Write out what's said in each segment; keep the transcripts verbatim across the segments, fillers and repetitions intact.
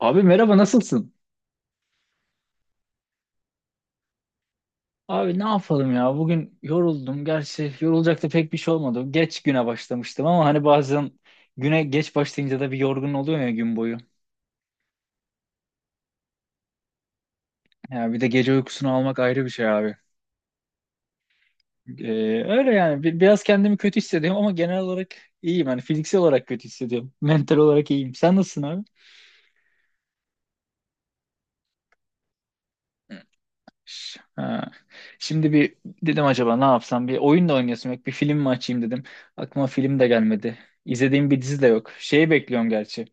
Abi merhaba nasılsın? Abi ne yapalım ya bugün yoruldum. Gerçi yorulacak da pek bir şey olmadı. Geç güne başlamıştım ama hani bazen güne geç başlayınca da bir yorgun oluyor ya gün boyu. Ya bir de gece uykusunu almak ayrı bir şey abi. Ee, öyle yani bir, biraz kendimi kötü hissediyorum ama genel olarak iyiyim. Hani fiziksel olarak kötü hissediyorum. Mental olarak iyiyim. Sen nasılsın abi? Ş- Ha. Şimdi bir dedim, acaba ne yapsam? Bir oyun da oynayasım yok. Bir film mi açayım dedim. Aklıma film de gelmedi. İzlediğim bir dizi de yok. Şeyi bekliyorum gerçi.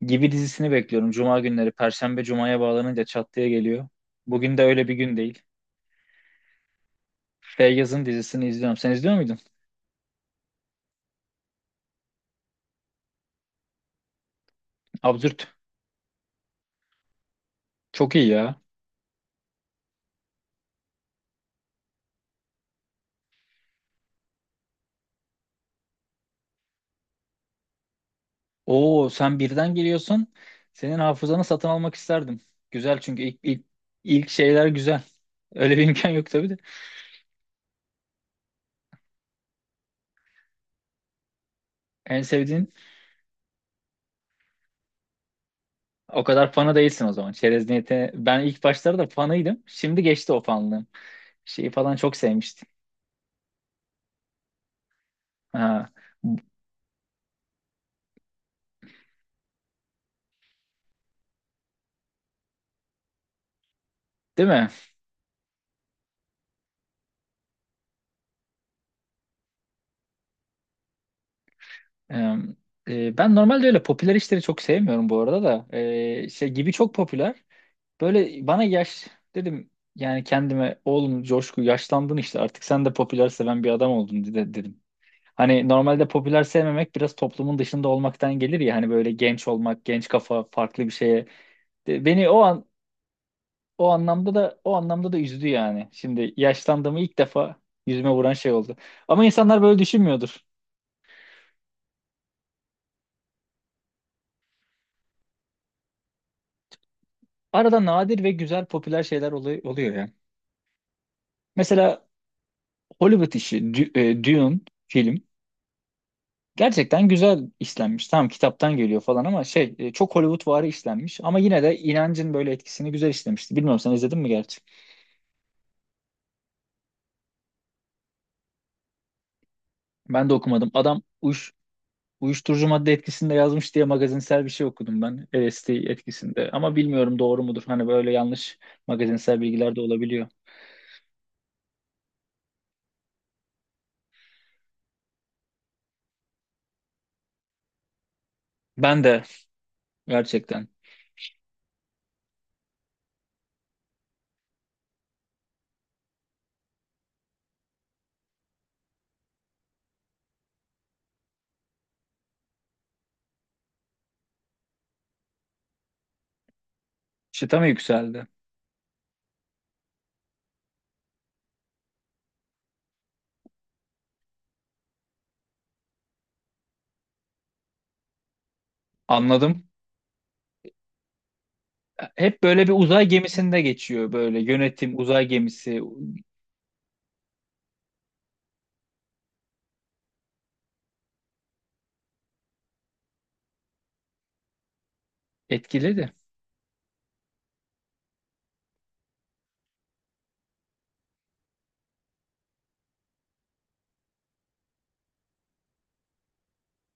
Gibi dizisini bekliyorum. Cuma günleri. Perşembe Cuma'ya bağlanınca çat diye geliyor. Bugün de öyle bir gün değil. Feyyaz'ın dizisini izliyorum. Sen izliyor muydun? Absürt. Çok iyi ya. Oo sen birden geliyorsun. Senin hafızanı satın almak isterdim. Güzel çünkü ilk, ilk, ilk şeyler güzel. Öyle bir imkan yok tabii de. En sevdiğin o kadar fanı değilsin o zaman. Çerez niyeti. Ben ilk başlarda da fanıydım. Şimdi geçti o fanlığım. Şeyi falan çok sevmiştim. Ha. Değil mi? Ee, e, Ben normalde öyle popüler işleri çok sevmiyorum bu arada da. Ee, şey gibi çok popüler. Böyle bana yaş dedim yani, kendime oğlum Coşku yaşlandın işte, artık sen de popüler seven bir adam oldun de- dedim. Hani normalde popüler sevmemek biraz toplumun dışında olmaktan gelir ya, hani böyle genç olmak, genç kafa, farklı bir şeye. De- Beni o an o anlamda da o anlamda da üzdü yani. Şimdi yaşlandığımı ilk defa yüzüme vuran şey oldu. Ama insanlar böyle düşünmüyordur. Arada nadir ve güzel popüler şeyler olay- oluyor yani. Mesela Hollywood işi Dü- e, Dune film gerçekten güzel işlenmiş. Tamam kitaptan geliyor falan ama şey e, çok Hollywoodvari işlenmiş, ama yine de inancın böyle etkisini güzel işlemişti. Bilmiyorum sen izledin mi gerçi? Ben de okumadım. Adam uç, Uyuşturucu madde etkisinde yazmış diye magazinsel bir şey okudum ben, L S D etkisinde. Ama bilmiyorum doğru mudur. Hani böyle yanlış magazinsel bilgiler de olabiliyor. Ben de gerçekten çıtam yükseldi. Anladım. Hep böyle bir uzay gemisinde geçiyor, böyle yönetim uzay gemisi etkiledi.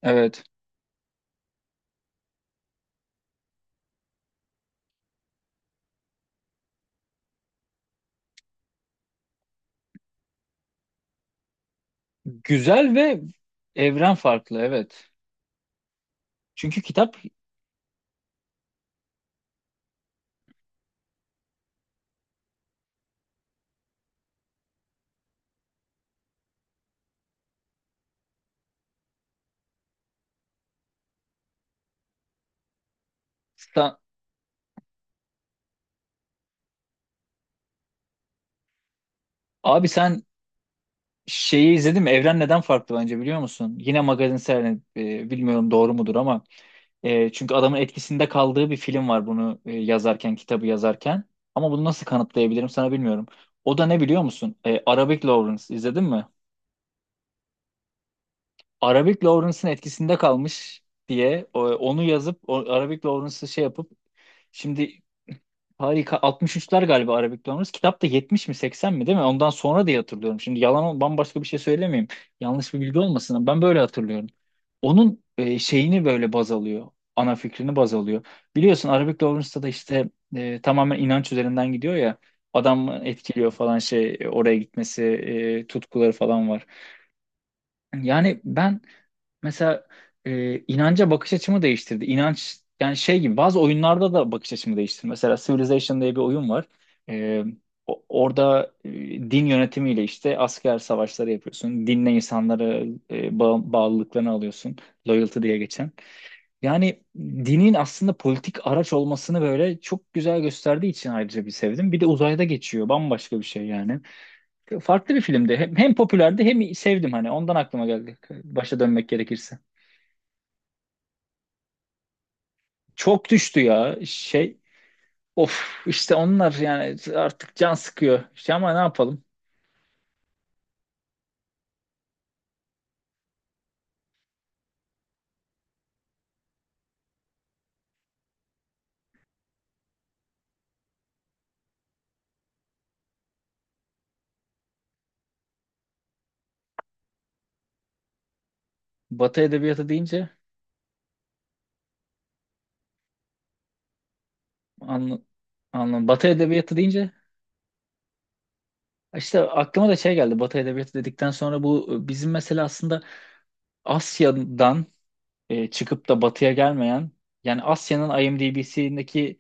Evet. Güzel ve evren farklı, evet. Çünkü kitap Sa- abi sen şeyi izledim. Evren neden farklı bence biliyor musun? Yine magazinsel, e, bilmiyorum doğru mudur ama e, çünkü adamın etkisinde kaldığı bir film var bunu e, yazarken, kitabı yazarken. Ama bunu nasıl kanıtlayabilirim sana bilmiyorum. O da ne biliyor musun? E, Arabic Lawrence izledin mi? Arabic Lawrence'ın etkisinde kalmış diye o- onu yazıp o, Arabic Lawrence'ı şey yapıp şimdi harika. Altmış üçler galiba Arabic Learners. Kitap da yetmiş mi seksen mi değil mi? Ondan sonra diye hatırlıyorum. Şimdi yalan bambaşka bir şey söylemeyeyim. Yanlış bir bilgi olmasın, ama ben böyle hatırlıyorum. Onun e, şeyini böyle baz alıyor. Ana fikrini baz alıyor. Biliyorsun Arabic Lawrence'da da işte e, tamamen inanç üzerinden gidiyor ya. Adam etkiliyor falan, şey e, oraya gitmesi, e, tutkuları falan var. Yani ben mesela, e, inanca bakış açımı değiştirdi. İnanç yani, şey gibi bazı oyunlarda da bakış açımı değiştirdi. Mesela Civilization diye bir oyun var. E, o- Orada e, din yönetimiyle işte asker savaşları yapıyorsun. Dinle insanları e, bağ- bağlılıklarını alıyorsun. Loyalty diye geçen. Yani dinin aslında politik araç olmasını böyle çok güzel gösterdiği için ayrıca bir sevdim. Bir de uzayda geçiyor. Bambaşka bir şey yani. Farklı bir filmdi. Hem, hem popülerdi hem sevdim hani. Ondan aklıma geldi. Başa dönmek gerekirse. Çok düştü ya şey. Of işte onlar yani artık can sıkıyor. İşte ama ne yapalım? Batı edebiyatı deyince anla, anla Batı edebiyatı deyince işte aklıma da şey geldi. Batı edebiyatı dedikten sonra, bu bizim mesela aslında Asya'dan e, çıkıp da Batı'ya gelmeyen, yani Asya'nın IMDb'sindeki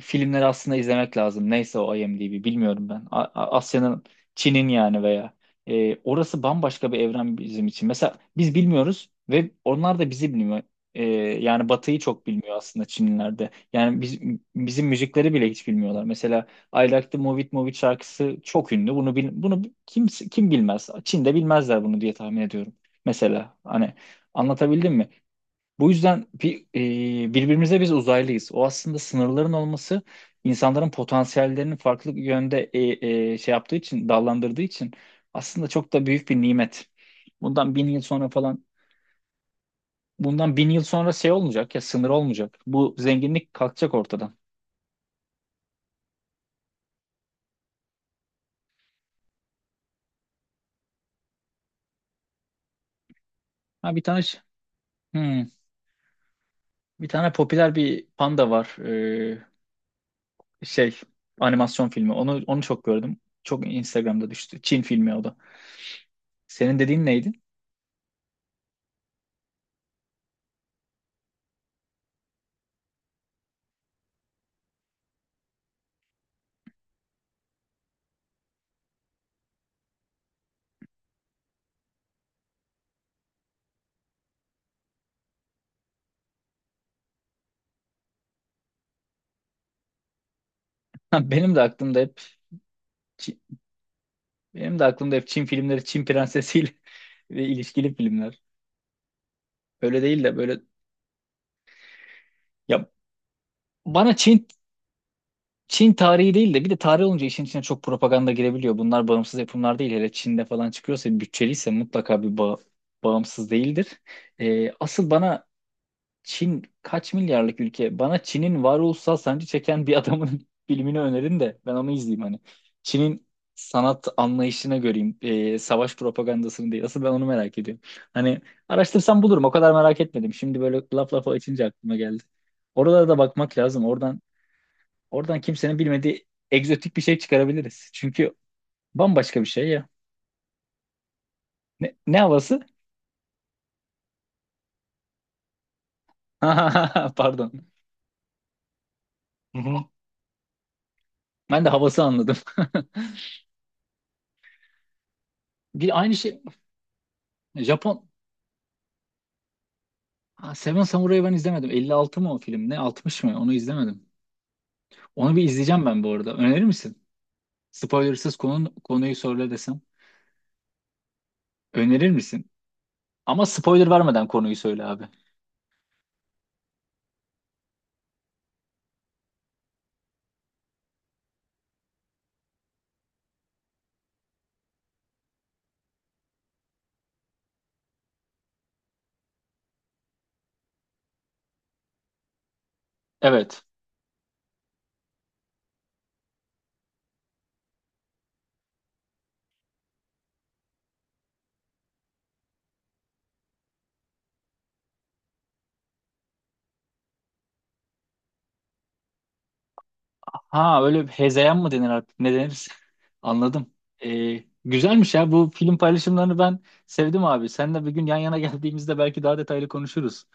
filmleri aslında izlemek lazım. Neyse o IMDb bilmiyorum ben. A- A- Asya'nın, Çin'in yani, veya e, orası bambaşka bir evren bizim için. Mesela biz bilmiyoruz ve onlar da bizi bilmiyor. E, yani Batı'yı çok bilmiyor aslında Çinliler de. Yani biz, bizim müzikleri bile hiç bilmiyorlar. Mesela I Like the Move It Move It şarkısı çok ünlü. Bunu bil- bunu kim kim bilmez? Çin'de bilmezler bunu diye tahmin ediyorum. Mesela hani anlatabildim mi? Bu yüzden bir, e, birbirimize biz uzaylıyız. O aslında sınırların olması, insanların potansiyellerinin farklı yönde e, e, şey yaptığı için, dallandırdığı için aslında çok da büyük bir nimet. Bundan bin yıl sonra falan, bundan bin yıl sonra şey olmayacak ya, sınır olmayacak. Bu zenginlik kalkacak ortadan. Ha bir tane ş- hmm, bir tane popüler bir panda var. e, şey animasyon filmi. Onu onu çok gördüm. Çok Instagram'da düştü. Çin filmi o da. Senin dediğin neydi? Ha, benim de aklımda hep benim de aklımda hep Çin filmleri, Çin prensesiyle ve ilişkili filmler. Öyle değil de böyle, ya bana Çin Çin tarihi değil de, bir de tarih olunca işin içine çok propaganda girebiliyor. Bunlar bağımsız yapımlar değil. Hele Çin'de falan çıkıyorsa, bütçeliyse, mutlaka bir ba- bağımsız değildir. Ee, asıl bana Çin kaç milyarlık ülke? Bana Çin'in varoluşsal sancı çeken bir adamın filmini önerin de ben onu izleyeyim hani. Çin'in sanat anlayışına göreyim. E, savaş propagandasını değil. Asıl ben onu merak ediyorum. Hani araştırsam bulurum. O kadar merak etmedim. Şimdi böyle laf lafa açınca aklıma geldi. Oralara da bakmak lazım. Oradan oradan kimsenin bilmediği egzotik bir şey çıkarabiliriz. Çünkü bambaşka bir şey ya. Ne, ne havası? Pardon. Hı hı. Ben de havası anladım. Bir aynı şey Japon. Ha, Seven Samuray'ı ben izlemedim. elli altı mı o film ne? Altmış mı? Onu izlemedim. Onu bir izleyeceğim ben bu arada. Önerir misin? Spoilersız konu, konuyu söyle desem. Önerir misin? Ama spoiler vermeden konuyu söyle abi. Evet. Ha, öyle bir hezeyan mı denir artık? Ne denir? Anladım. Ee, güzelmiş ya. Bu film paylaşımlarını ben sevdim abi. Seninle bir gün yan yana geldiğimizde belki daha detaylı konuşuruz.